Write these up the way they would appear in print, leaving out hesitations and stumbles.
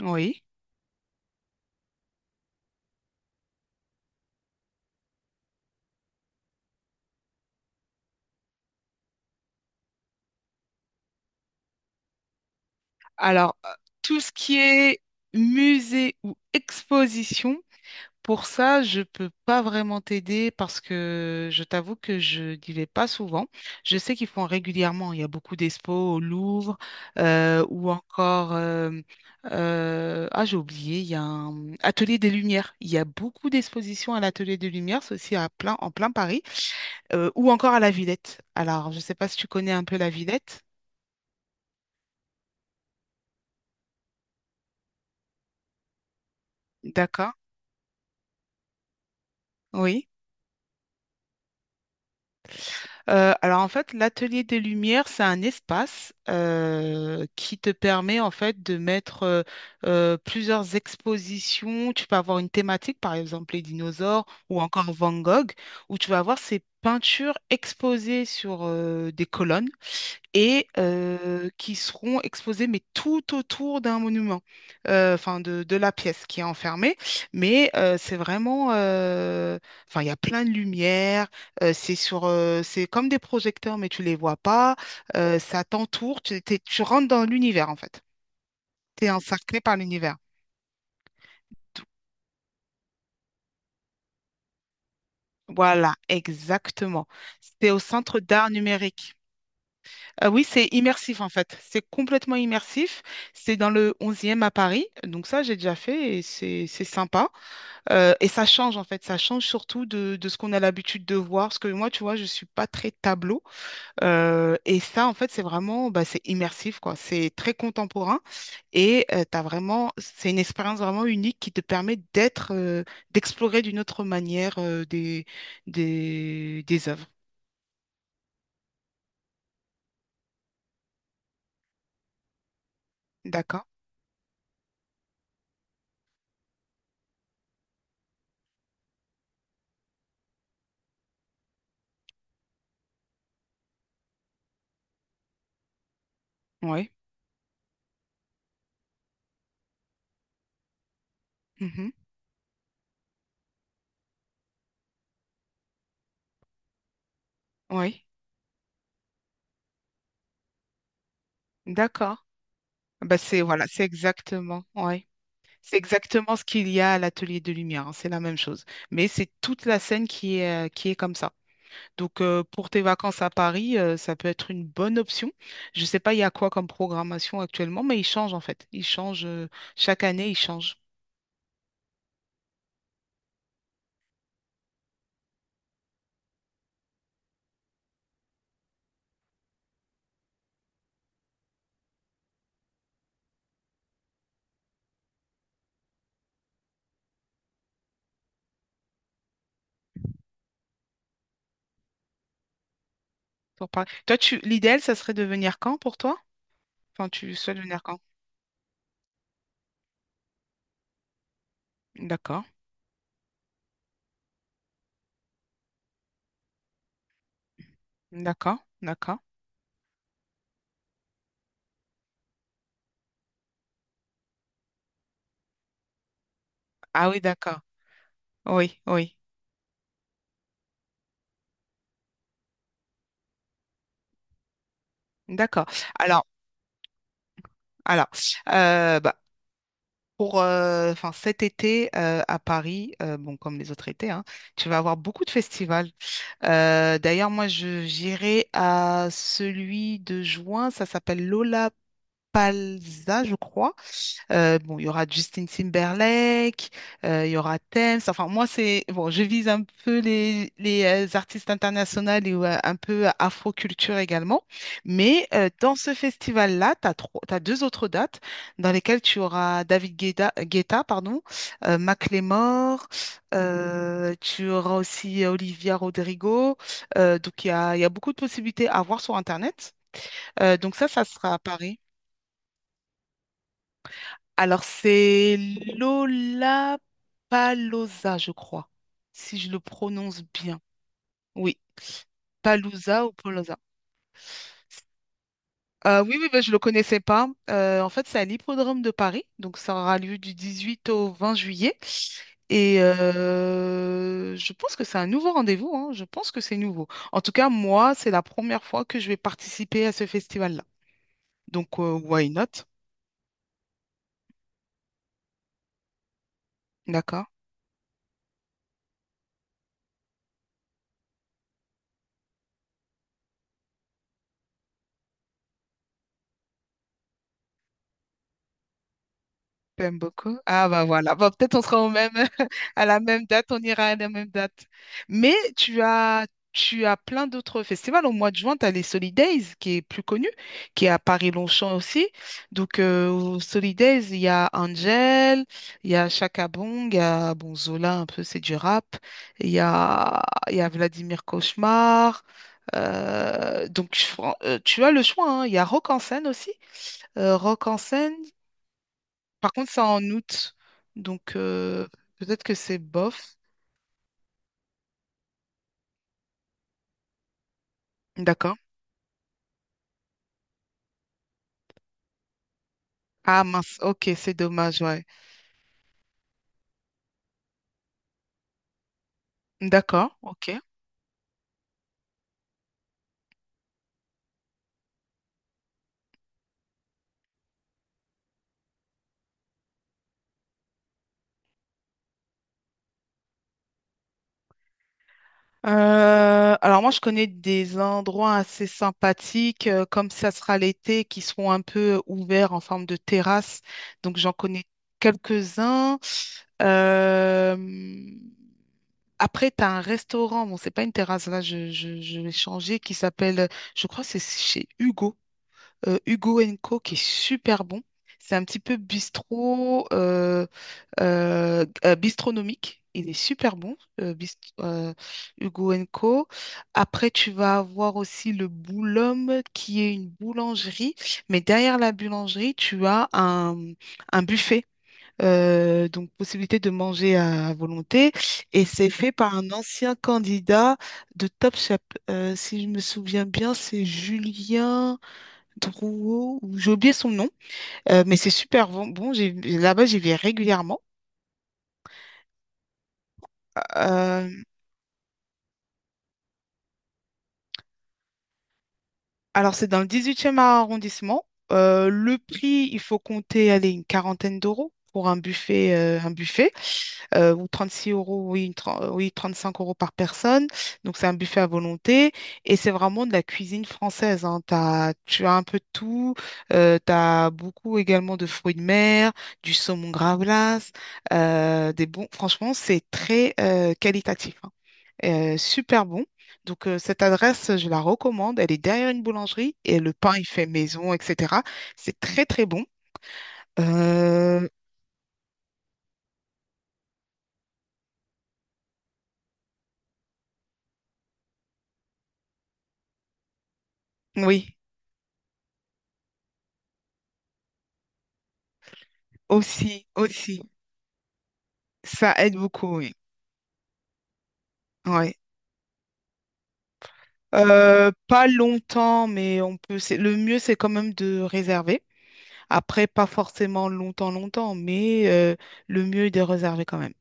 Oui. Alors, tout ce qui est musée ou exposition, pour ça, je peux pas vraiment t'aider parce que je t'avoue que je n'y vais pas souvent. Je sais qu'ils font régulièrement. Il y a beaucoup d'expos au Louvre ou encore, ah, j'ai oublié, il y a un atelier des Lumières. Il y a beaucoup d'expositions à l'atelier des Lumières, c'est aussi en plein Paris, ou encore à la Villette. Alors, je sais pas si tu connais un peu la Villette. D'accord. Oui. Alors en fait, l'atelier des lumières, c'est un espace qui te permet en fait de mettre plusieurs expositions. Tu peux avoir une thématique, par exemple les dinosaures ou encore Van Gogh, où tu vas avoir ces peintures exposées sur des colonnes et qui seront exposés mais tout autour d'un monument, enfin de la pièce qui est enfermée. Mais c'est vraiment, enfin il y a plein de lumière, c'est comme des projecteurs mais tu les vois pas, ça t'entoure, tu rentres dans l'univers en fait, tu es encerclé par l'univers. Voilà, exactement. C'est au Centre d'art numérique. Oui, c'est immersif en fait. C'est complètement immersif. C'est dans le 11 à Paris. Donc ça, j'ai déjà fait et c'est sympa. Et ça change en fait. Ça change surtout de ce qu'on a l'habitude de voir. Parce que moi, tu vois, je suis pas très tableau. Et ça, en fait, c'est vraiment, bah, c'est immersif quoi. C'est très contemporain et c'est une expérience vraiment unique qui te permet d'être, d'explorer d'une autre manière des œuvres. D'accord? Oui. Mhm. Oui. D'accord. Bah c'est voilà, c'est exactement, ouais. C'est exactement ce qu'il y a à l'atelier de lumière, hein, c'est la même chose. Mais c'est toute la scène qui est comme ça. Donc pour tes vacances à Paris, ça peut être une bonne option. Je ne sais pas il y a quoi comme programmation actuellement, mais il change en fait. Il change chaque année, il change. Pour Paris. Toi, tu l'idéal, ça serait de venir quand pour toi? Enfin, tu souhaites venir quand? D'accord, d'accord, d'accord. Ah oui, d'accord. Oui, oui, d'accord. Alors, alors, bah, pour enfin, cet été à Paris, bon, comme les autres étés, hein, tu vas avoir beaucoup de festivals. D'ailleurs, moi, je j'irai à celui de juin, ça s'appelle Lollapalooza, je crois. Bon, il y aura Justin Timberlake, il y aura Thames. Enfin, moi, c'est bon, je vise un peu les artistes internationaux et ouais, un peu afro-culture également. Mais dans ce festival-là, t'as deux autres dates dans lesquelles tu auras David Guetta, Guetta, pardon, Macklemore, tu auras aussi Olivia Rodrigo. Donc, il y a beaucoup de possibilités à voir sur Internet. Donc, ça, ça sera à Paris. Alors, c'est Lola Paloza, je crois, si je le prononce bien. Oui, Palouza ou Paloza. Oui, oui, ben, je ne le connaissais pas. En fait, c'est à l'Hippodrome de Paris, donc ça aura lieu du 18 au 20 juillet. Et je pense que c'est un nouveau rendez-vous, hein. Je pense que c'est nouveau. En tout cas, moi, c'est la première fois que je vais participer à ce festival-là. Donc, why not? D'accord. Tu beaucoup? Ah bah voilà, bah, peut-être on sera au même, à la même date, on ira à la même date. Mais tu as plein d'autres festivals. Au mois de juin, tu as les Solidays, qui est plus connu, qui est à Paris-Longchamp aussi. Donc aux Solidays, il y a Angel, il y a Chaka Bong, il y a bon, Zola, un peu, c'est du rap. Il y a, il y a Vladimir Cauchemar. Donc tu as le choix, hein. Il y a Rock en scène aussi. Rock en scène. Par contre, c'est en août, donc peut-être que c'est bof. D'accord. Ah mince, ok, c'est dommage, ouais. D'accord, ok. Alors moi, je connais des endroits assez sympathiques, comme ça sera l'été, qui seront un peu ouverts en forme de terrasse. Donc j'en connais quelques-uns. Euh, après, tu as un restaurant, bon, c'est pas une terrasse, là, je vais changer, qui s'appelle, je crois que c'est chez Hugo, Hugo Co qui est super bon. C'est un petit peu bistrot, bistronomique. Il est super bon, Hugo Co. Après, tu vas avoir aussi le Boulhomme, qui est une boulangerie. Mais derrière la boulangerie, tu as un buffet. Donc, possibilité de manger à volonté. Et c'est fait par un ancien candidat de Top Chef. Si je me souviens bien, c'est Julien. Drouot, ou j'ai oublié son nom, mais c'est super bon. Bon, là-bas, j'y vais régulièrement. Euh, Alors, c'est dans le 18e arrondissement. Le prix, il faut compter, allez, une quarantaine d'euros pour un buffet, ou 6 euros, oui, oui, 5 euros par personne. Donc, c'est un buffet à volonté et c'est vraiment de la cuisine française, hein. Tu as un peu de tout. Tu as beaucoup également de fruits de mer, du saumon gravlax, des bons. Franchement, c'est très qualitatif, hein. Super bon. Donc, cette adresse, je la recommande. Elle est derrière une boulangerie et le pain, il fait maison, etc. C'est très, très bon. Euh, oui, aussi, aussi. Ça aide beaucoup, oui. Ouais. Pas longtemps, mais on peut. Le mieux, c'est quand même de réserver. Après, pas forcément longtemps, longtemps, mais le mieux est de réserver quand même.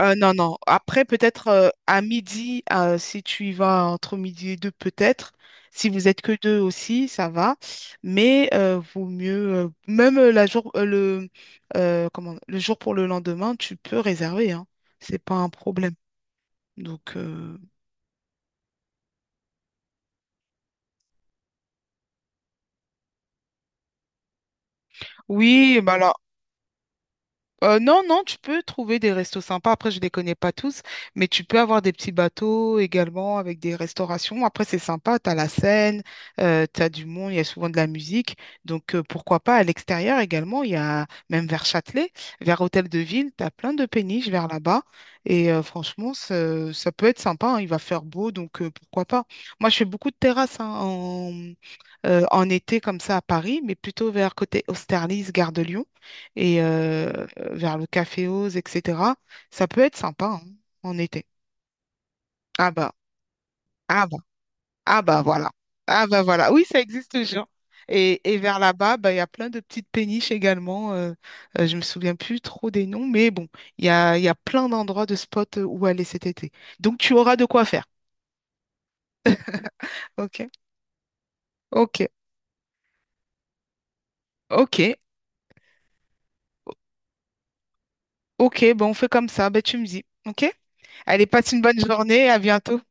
Non, non. Après, peut-être à midi, si tu y vas entre midi et deux, peut-être. Si vous êtes que deux aussi, ça va. Mais vaut mieux, même la jour, le, comment, le jour pour le lendemain, tu peux réserver, hein. C'est pas un problème. Donc, oui, bah là. Non, non, tu peux trouver des restos sympas. Après, je ne les connais pas tous, mais tu peux avoir des petits bateaux également avec des restaurations. Après, c'est sympa, tu as la Seine, tu as du monde, il y a souvent de la musique. Donc, pourquoi pas à l'extérieur également, il y a même vers Châtelet, vers Hôtel de Ville, tu as plein de péniches vers là-bas. Et franchement, ça peut être sympa, hein, il va faire beau, donc pourquoi pas. Moi, je fais beaucoup de terrasses hein, en été comme ça à Paris, mais plutôt vers côté Austerlitz, Gare de Lyon et vers le Café Oz, etc. Ça peut être sympa hein, en été. Ah bah, ah bah, ah bah voilà. Ah bah voilà. Oui, ça existe toujours. Et, vers là-bas, bah, il y a plein de petites péniches également. Je me souviens plus trop des noms, mais bon, il y a plein d'endroits de spots où aller cet été. Donc tu auras de quoi faire. OK. OK. OK. OK. Bon, on fait comme ça. Bah, tu me dis. OK? Allez, passe une bonne journée. À bientôt.